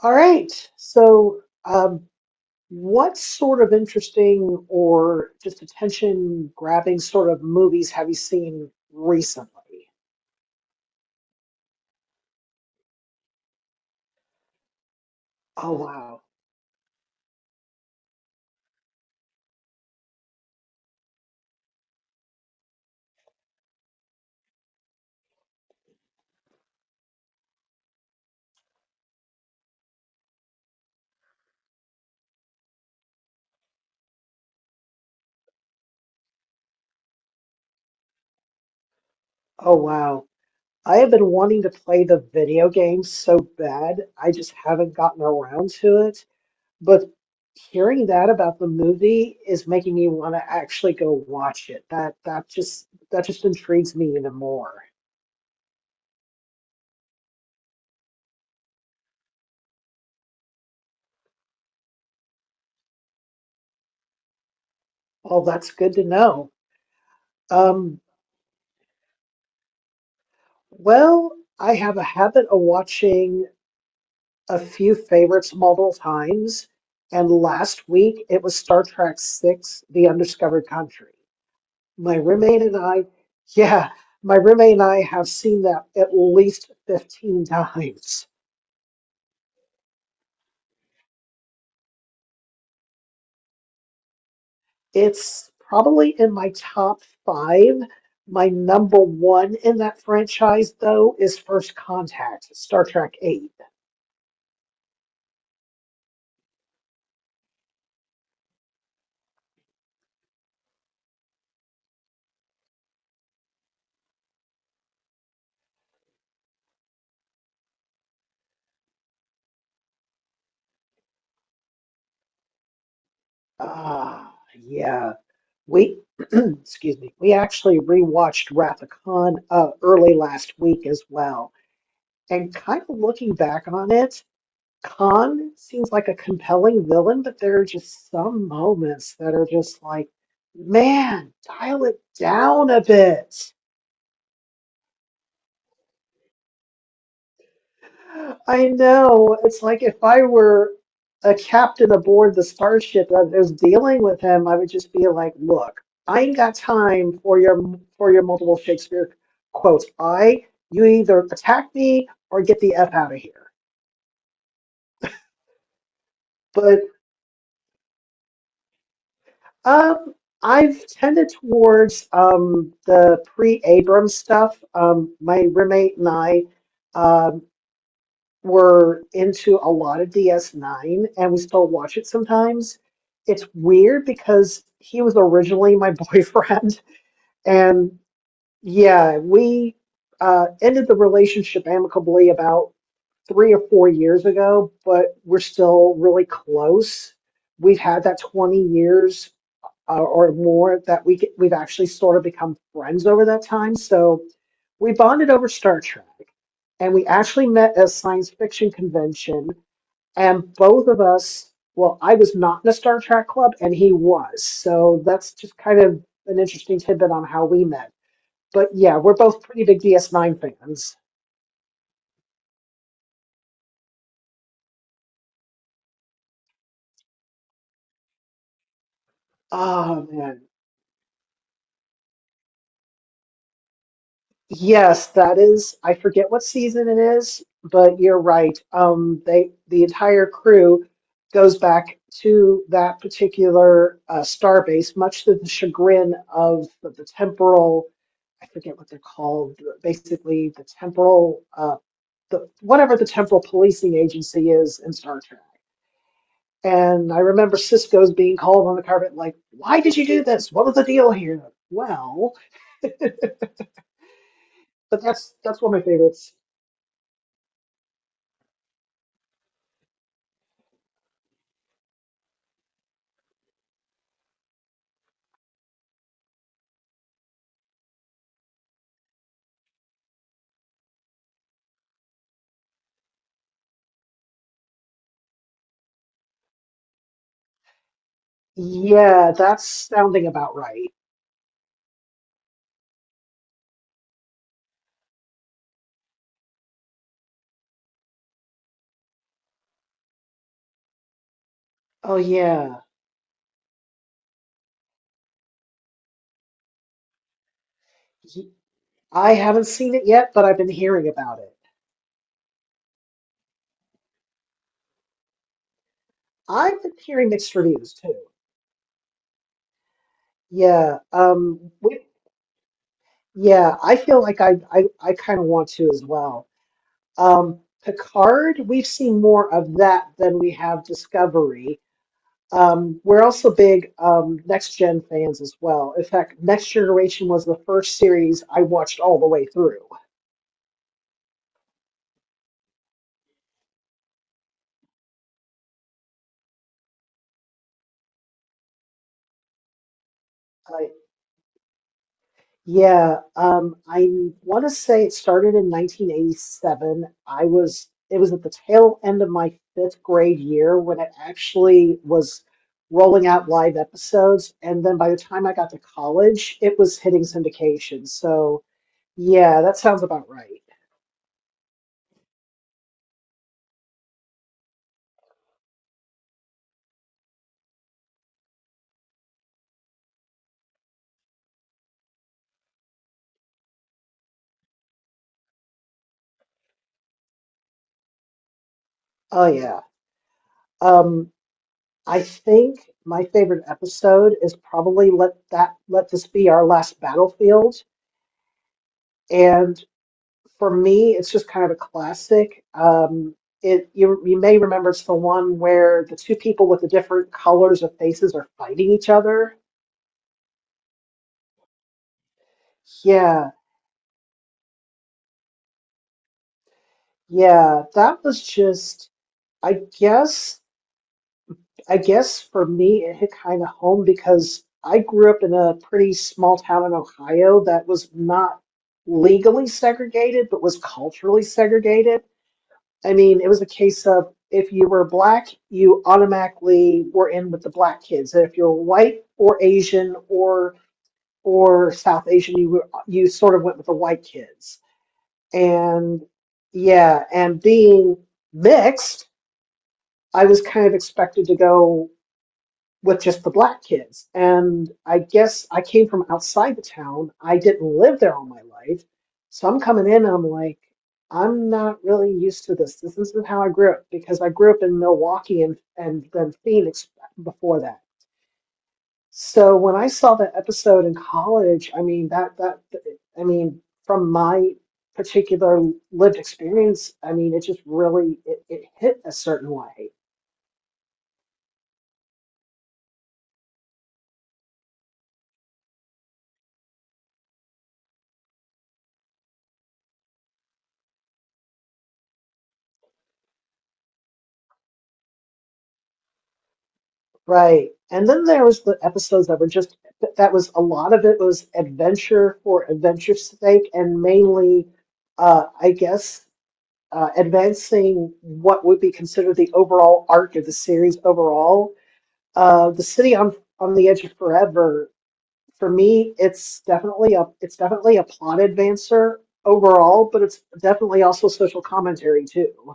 All right. What sort of interesting or just attention grabbing sort of movies have you seen recently? Oh, wow. Oh, wow. I have been wanting to play the video game so bad. I just haven't gotten around to it. But hearing that about the movie is making me want to actually go watch it. That just intrigues me even more. Well, that's good to know. Um, Well, I have a habit of watching a few favorites multiple times, and last week it was Star Trek Six: The Undiscovered Country. My roommate and I, yeah, my roommate and I have seen that at least 15 times. It's probably in my top five. My number one in that franchise, though, is First Contact, Star Trek Eight. Ah, yeah. We, excuse me, we actually rewatched Wrath of Khan early last week as well. And kind of looking back on it, Khan seems like a compelling villain, but there are just some moments that are just like, man, dial it down a bit. I know. It's like if I were a captain aboard the starship that is dealing with him, I would just be like, "Look, I ain't got time for your multiple Shakespeare quotes. I you either attack me or get the f out of here." But um, I've tended towards the pre-Abrams stuff. My roommate and I. um, were into a lot of DS9 and we still watch it sometimes. It's weird because he was originally my boyfriend and yeah, we ended the relationship amicably about 3 or 4 years ago, but we're still really close. We've had that 20 years or more that we get, we've actually sort of become friends over that time. So we bonded over Star Trek and we actually met at a science fiction convention and both of us, well, I was not in a Star Trek club and he was. So that's just kind of an interesting tidbit on how we met. But yeah, we're both pretty big DS9 fans. Oh man. Yes, that is I forget what season it is, but you're right. They the entire crew goes back to that particular star much to the chagrin of the temporal I forget what they're called, basically the temporal the whatever the temporal policing agency is in Star Trek. And I remember Cisco's being called on the carpet, like, "Why did you do this? What was the deal here?" Well, but that's one of my favorites. Yeah, that's sounding about right. Oh yeah, He- I haven't seen it yet, but I've been hearing about it. I've been hearing mixed reviews too. Yeah, um, we, yeah, I feel like I kind of want to as well. Picard, we've seen more of that than we have Discovery. We're also big Next Gen fans as well. In fact, Next Generation was the first series I watched all the way through. Uh, yeah, I want to say it started in 1987. I was it was at the tail end of my fifth grade year when it actually was rolling out live episodes, and then by the time I got to college, it was hitting syndication. So. Yeah, that sounds about right. Oh yeah. Um, I think my favorite episode is probably Let This Be Our Last Battlefield. And for me, it's just kind of a classic. It you may remember it's the one where the two people with the different colors of faces are fighting each other. Yeah, yeah, that was just I guess I guess for me, it hit kind of home because I grew up in a pretty small town in Ohio that was not legally segregated, but was culturally segregated. I mean, it was a case of if you were black, you automatically were in with the black kids, and if you were white or Asian or South Asian, you were, you sort of went with the white kids. And yeah, and being mixed, I was kind of expected to go. With just the black kids. And I guess I came from outside the town. I didn't live there all my life. So I'm coming in and I'm like, I'm not really used to this. This isn't how I grew up because I grew up in Milwaukee and then Phoenix before that. So when I saw that episode in college, I mean that that I mean from my particular lived experience, I mean it just really it hit a certain way. Right. And then there was the episodes that were just that was a lot of it was adventure for adventure's sake and mainly I guess advancing what would be considered the overall arc of the series overall. The City on the Edge of Forever, for me, it's definitely a plot advancer overall, but it's definitely also social commentary too.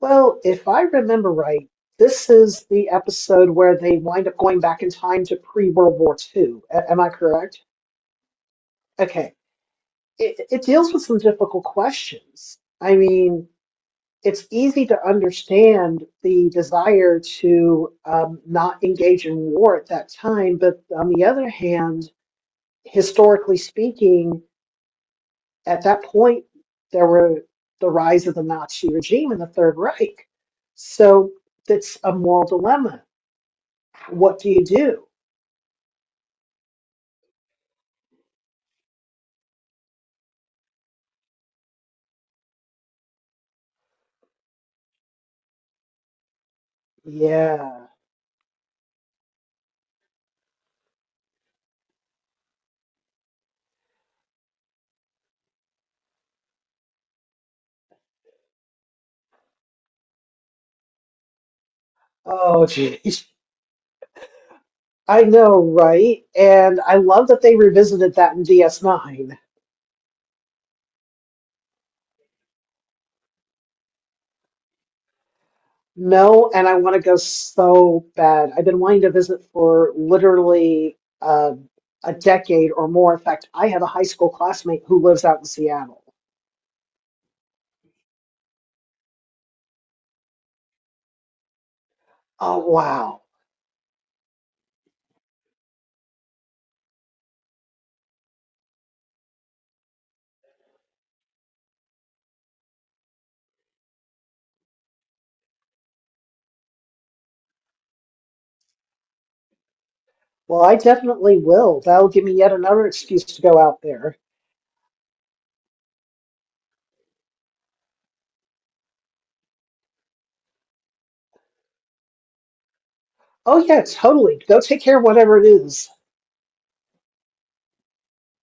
Well, if I remember right, this is the episode where they wind up going back in time to pre-World War II. A- am I correct? Okay. It deals with some difficult questions. I mean, it's easy to understand the desire to not engage in war at that time, but on the other hand, historically speaking, at that point, there were the rise of the Nazi regime and the Third Reich. So that's a moral dilemma. What do you do? Yeah. Oh, geez. I know, right? And I love that they revisited that in DS9. No, and I want to go so bad. I've been wanting to visit for literally a decade or more. In fact, I have a high school classmate who lives out in Seattle. Oh, wow. Well, I definitely will. That'll give me yet another excuse to go out there. Oh, yeah, totally. Go take care of whatever it is.